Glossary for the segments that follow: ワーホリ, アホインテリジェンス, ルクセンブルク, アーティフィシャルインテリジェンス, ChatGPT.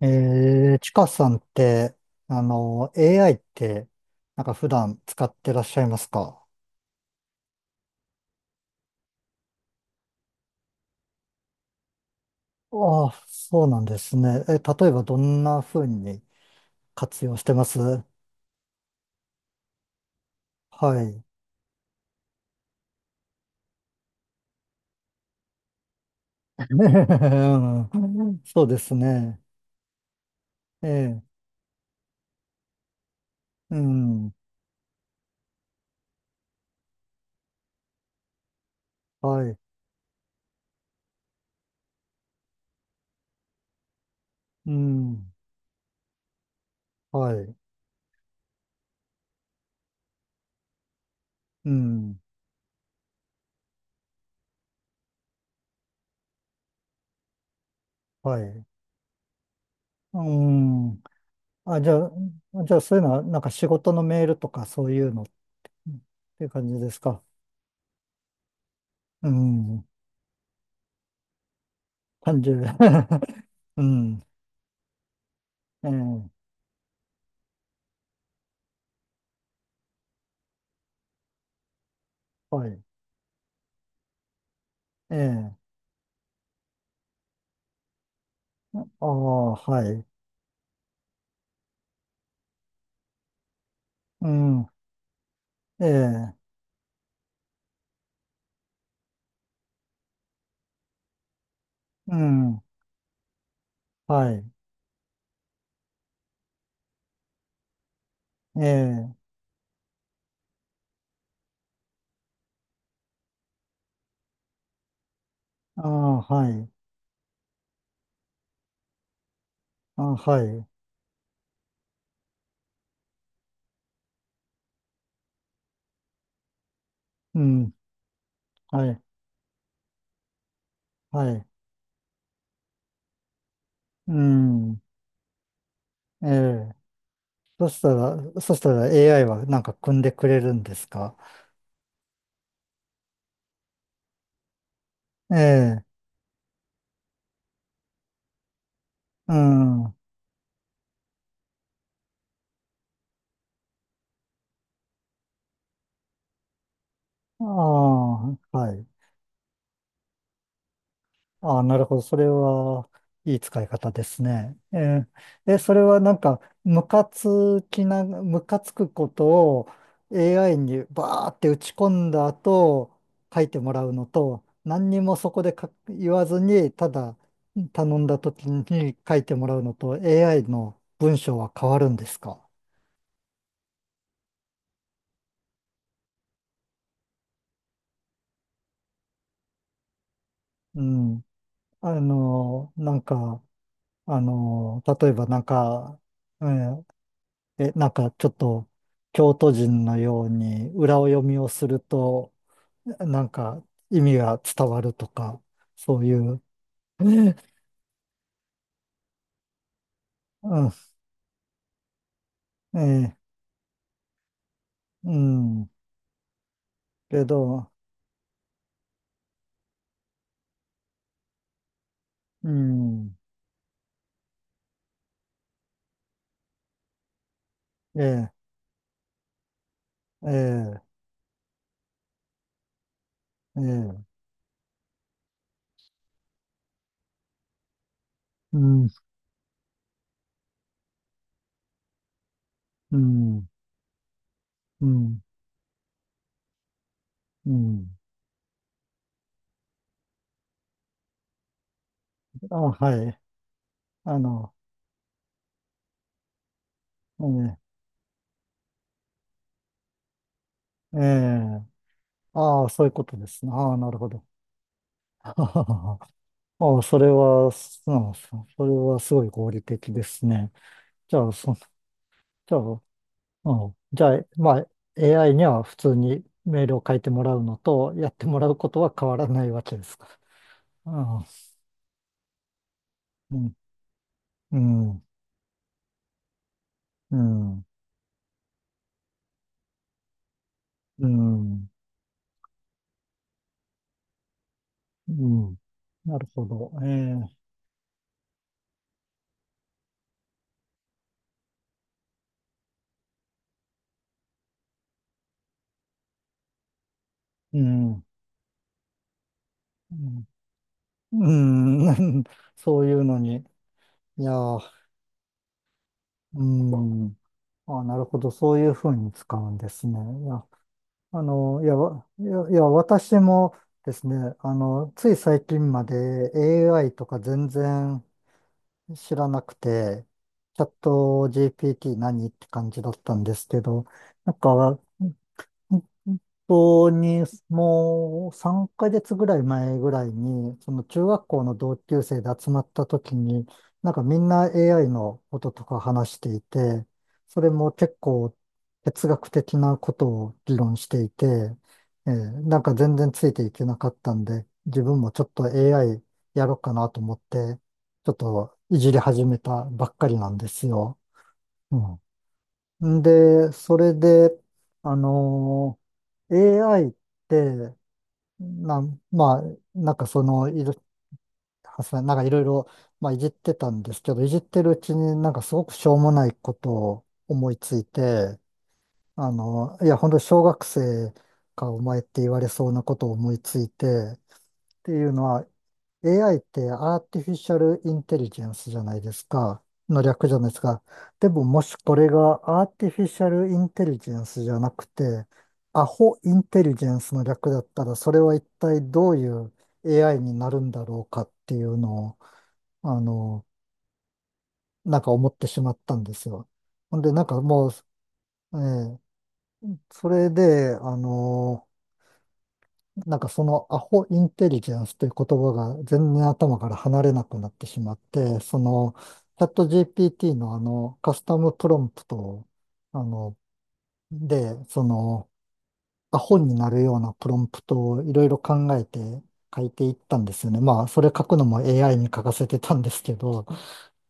ちかさんって、AI って、なんか普段使ってらっしゃいますか？ああ、そうなんですね。例えばどんな風に活用してます？はい。うん、そうですね。ええ、うん、はい、うん、はい、うん、はい、うん。あ、じゃあ、そういうのは、なんか仕事のメールとかそういうのっていう感じですか？うん。30。うん。ええ、はい。ええ、ああ、はい。うん。ええ、うん。はい。ええ、ああ、はい。ああ、はい。うん。はい。はい。うん。ええ、そしたら AI はなんか組んでくれるんですか？ええ、うん。ああ、はい。ああ、なるほど。それは、いい使い方ですね。それはなんか、ムカつくことを AI にバーって打ち込んだ後、書いてもらうのと、何にもそこで書言わずに、ただ頼んだ時に書いてもらうのと、AI の文章は変わるんですか？うん。なんか、例えばなんか、うん、なんかちょっと京都人のように裏を読みをすると、なんか意味が伝わるとか、そういう。うん、ええ、うん、けど、うん、ええ、ええ、ええ、うん、うん、うん、うん。あ、はい。あの、ええ、ええ、ああ、そういうことですね。ああ、なるほど。ああ、それは、うん、それはすごい合理的ですね。じゃあ、じゃあ、うん。じゃあ、まあ、AI には普通にメールを書いてもらうのと、やってもらうことは変わらないわけですか。うん。うん。うん。うん。うん。なるほど。ええ。うん。うん。うん。 そういうのに。いやー、うん。あ、なるほど。そういうふうに使うんですね。いや、いや、いや、私もですね、つい最近まで AI とか全然、知らなくて、チャット GPT 何って感じだったんですけど、なんか、本当にもう3ヶ月ぐらい前ぐらいに、その中学校の同級生で集まった時に、なんかみんな AI のこととか話していて、それも結構哲学的なことを議論していて、なんか全然ついていけなかったんで、自分もちょっと AI やろうかなと思って、ちょっといじり始めたばっかりなんですよ。うん。んで、それで、あのー AI って、まあ、なんかその、いる、はさなんかいろいろ、まあ、いじってたんですけど、いじってるうちになんかすごくしょうもないことを思いついて、いや、本当、小学生かお前って言われそうなことを思いついて、っていうのは、AI ってアーティフィシャルインテリジェンスじゃないですか。の略じゃないですか。でももしこれがアーティフィシャルインテリジェンスじゃなくて、アホインテリジェンスの略だったら、それは一体どういう AI になるんだろうかっていうのを、あの、なんか思ってしまったんですよ。ほんで、なんかもう、ええ、それで、なんかそのアホインテリジェンスという言葉が全然頭から離れなくなってしまって、そのチャット GPT のあのカスタムプロンプトを、あの、で、そのアホになるようなプロンプトをいろいろ考えて書いていったんですよね。まあ、それ書くのも AI に書かせてたんですけど、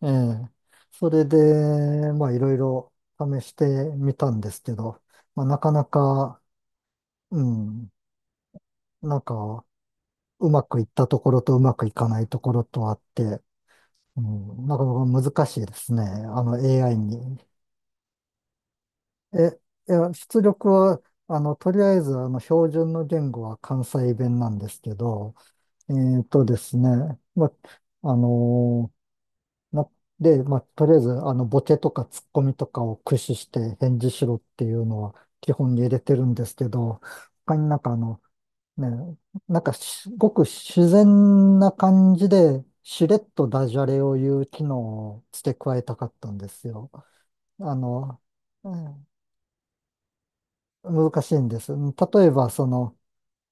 ええ、それで、まあいろいろ試してみたんですけど、まあなかなか、うん、なんか、うまくいったところとうまくいかないところとあって、うん、なかなか難しいですね。あの AI に。え、いや、出力は、とりあえず、標準の言語は関西弁なんですけど、ですね、ま、あのな、で、ま、とりあえず、ボケとかツッコミとかを駆使して返事しろっていうのは基本に入れてるんですけど、他になんかね、なんかすごく自然な感じで、しれっとダジャレを言う機能を付け加えたかったんですよ。あの、うん、難しいんです。例えば、その、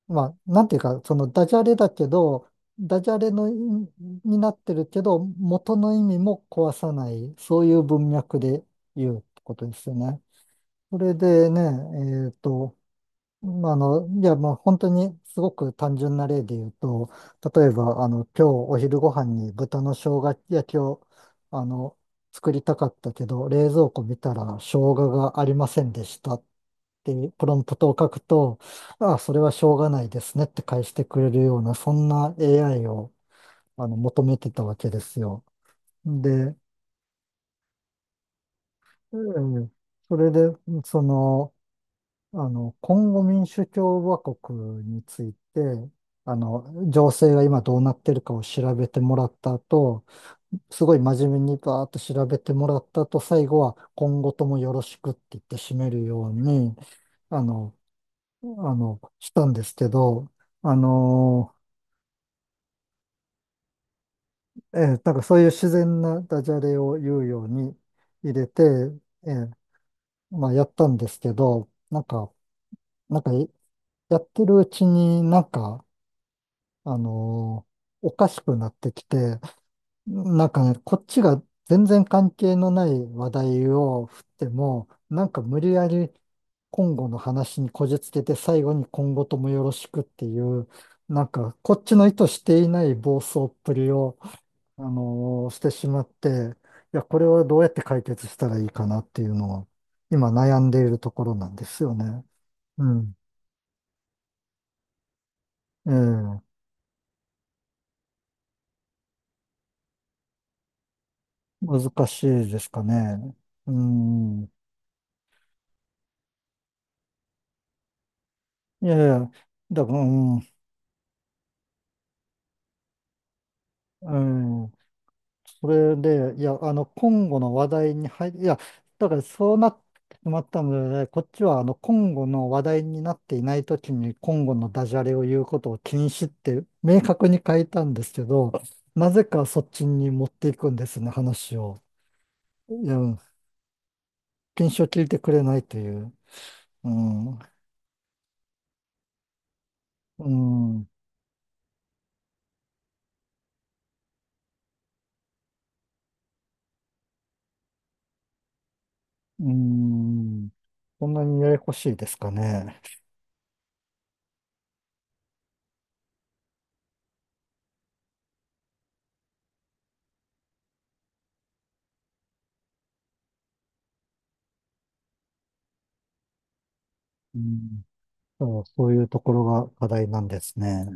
まあ、なんていうか、そのダジャレだけど、ダジャレの意味になってるけど、元の意味も壊さない、そういう文脈で言うってことですよね。それでね、えっと、まあいや、もう本当にすごく単純な例で言うと、例えば、今日お昼ご飯に豚の生姜焼きを、あの、作りたかったけど、冷蔵庫見たら生姜がありませんでしたっていうプロンプトを書くと、ああ、それはしょうがないですねって返してくれるような、そんな AI を、求めてたわけですよ。で、うん、それで、その、今後民主共和国について、あの、情勢が今どうなってるかを調べてもらった後、すごい真面目にバーっと調べてもらった後、最後は今後ともよろしくって言って締めるように、あの、したんですけど、あの、なんかそういう自然なダジャレを言うように入れて、えーまあやったんですけど、なんかやってるうちになんか、あのおかしくなってきて、なんかね、こっちが全然関係のない話題を振っても、なんか無理やり今後の話にこじつけて最後に今後ともよろしくっていう、なんかこっちの意図していない暴走っぷりを、してしまって、いや、これをどうやって解決したらいいかなっていうのを今悩んでいるところなんですよね。うん。ええ、難しいですかね。うん。いやいや、だから、うん、うん。それで、いや、今後の話題に入り、いや、だからそうなってしまったので、こっちは、今後の話題になっていないときに、今後のダジャレを言うことを禁止って、明確に書いたんですけど、なぜかそっちに持っていくんですね、話を。いや、禁止を聞いてくれないという。うん、うん、うん。こんなにややこしいですかね。うん。そう、そういうところが課題なんですね。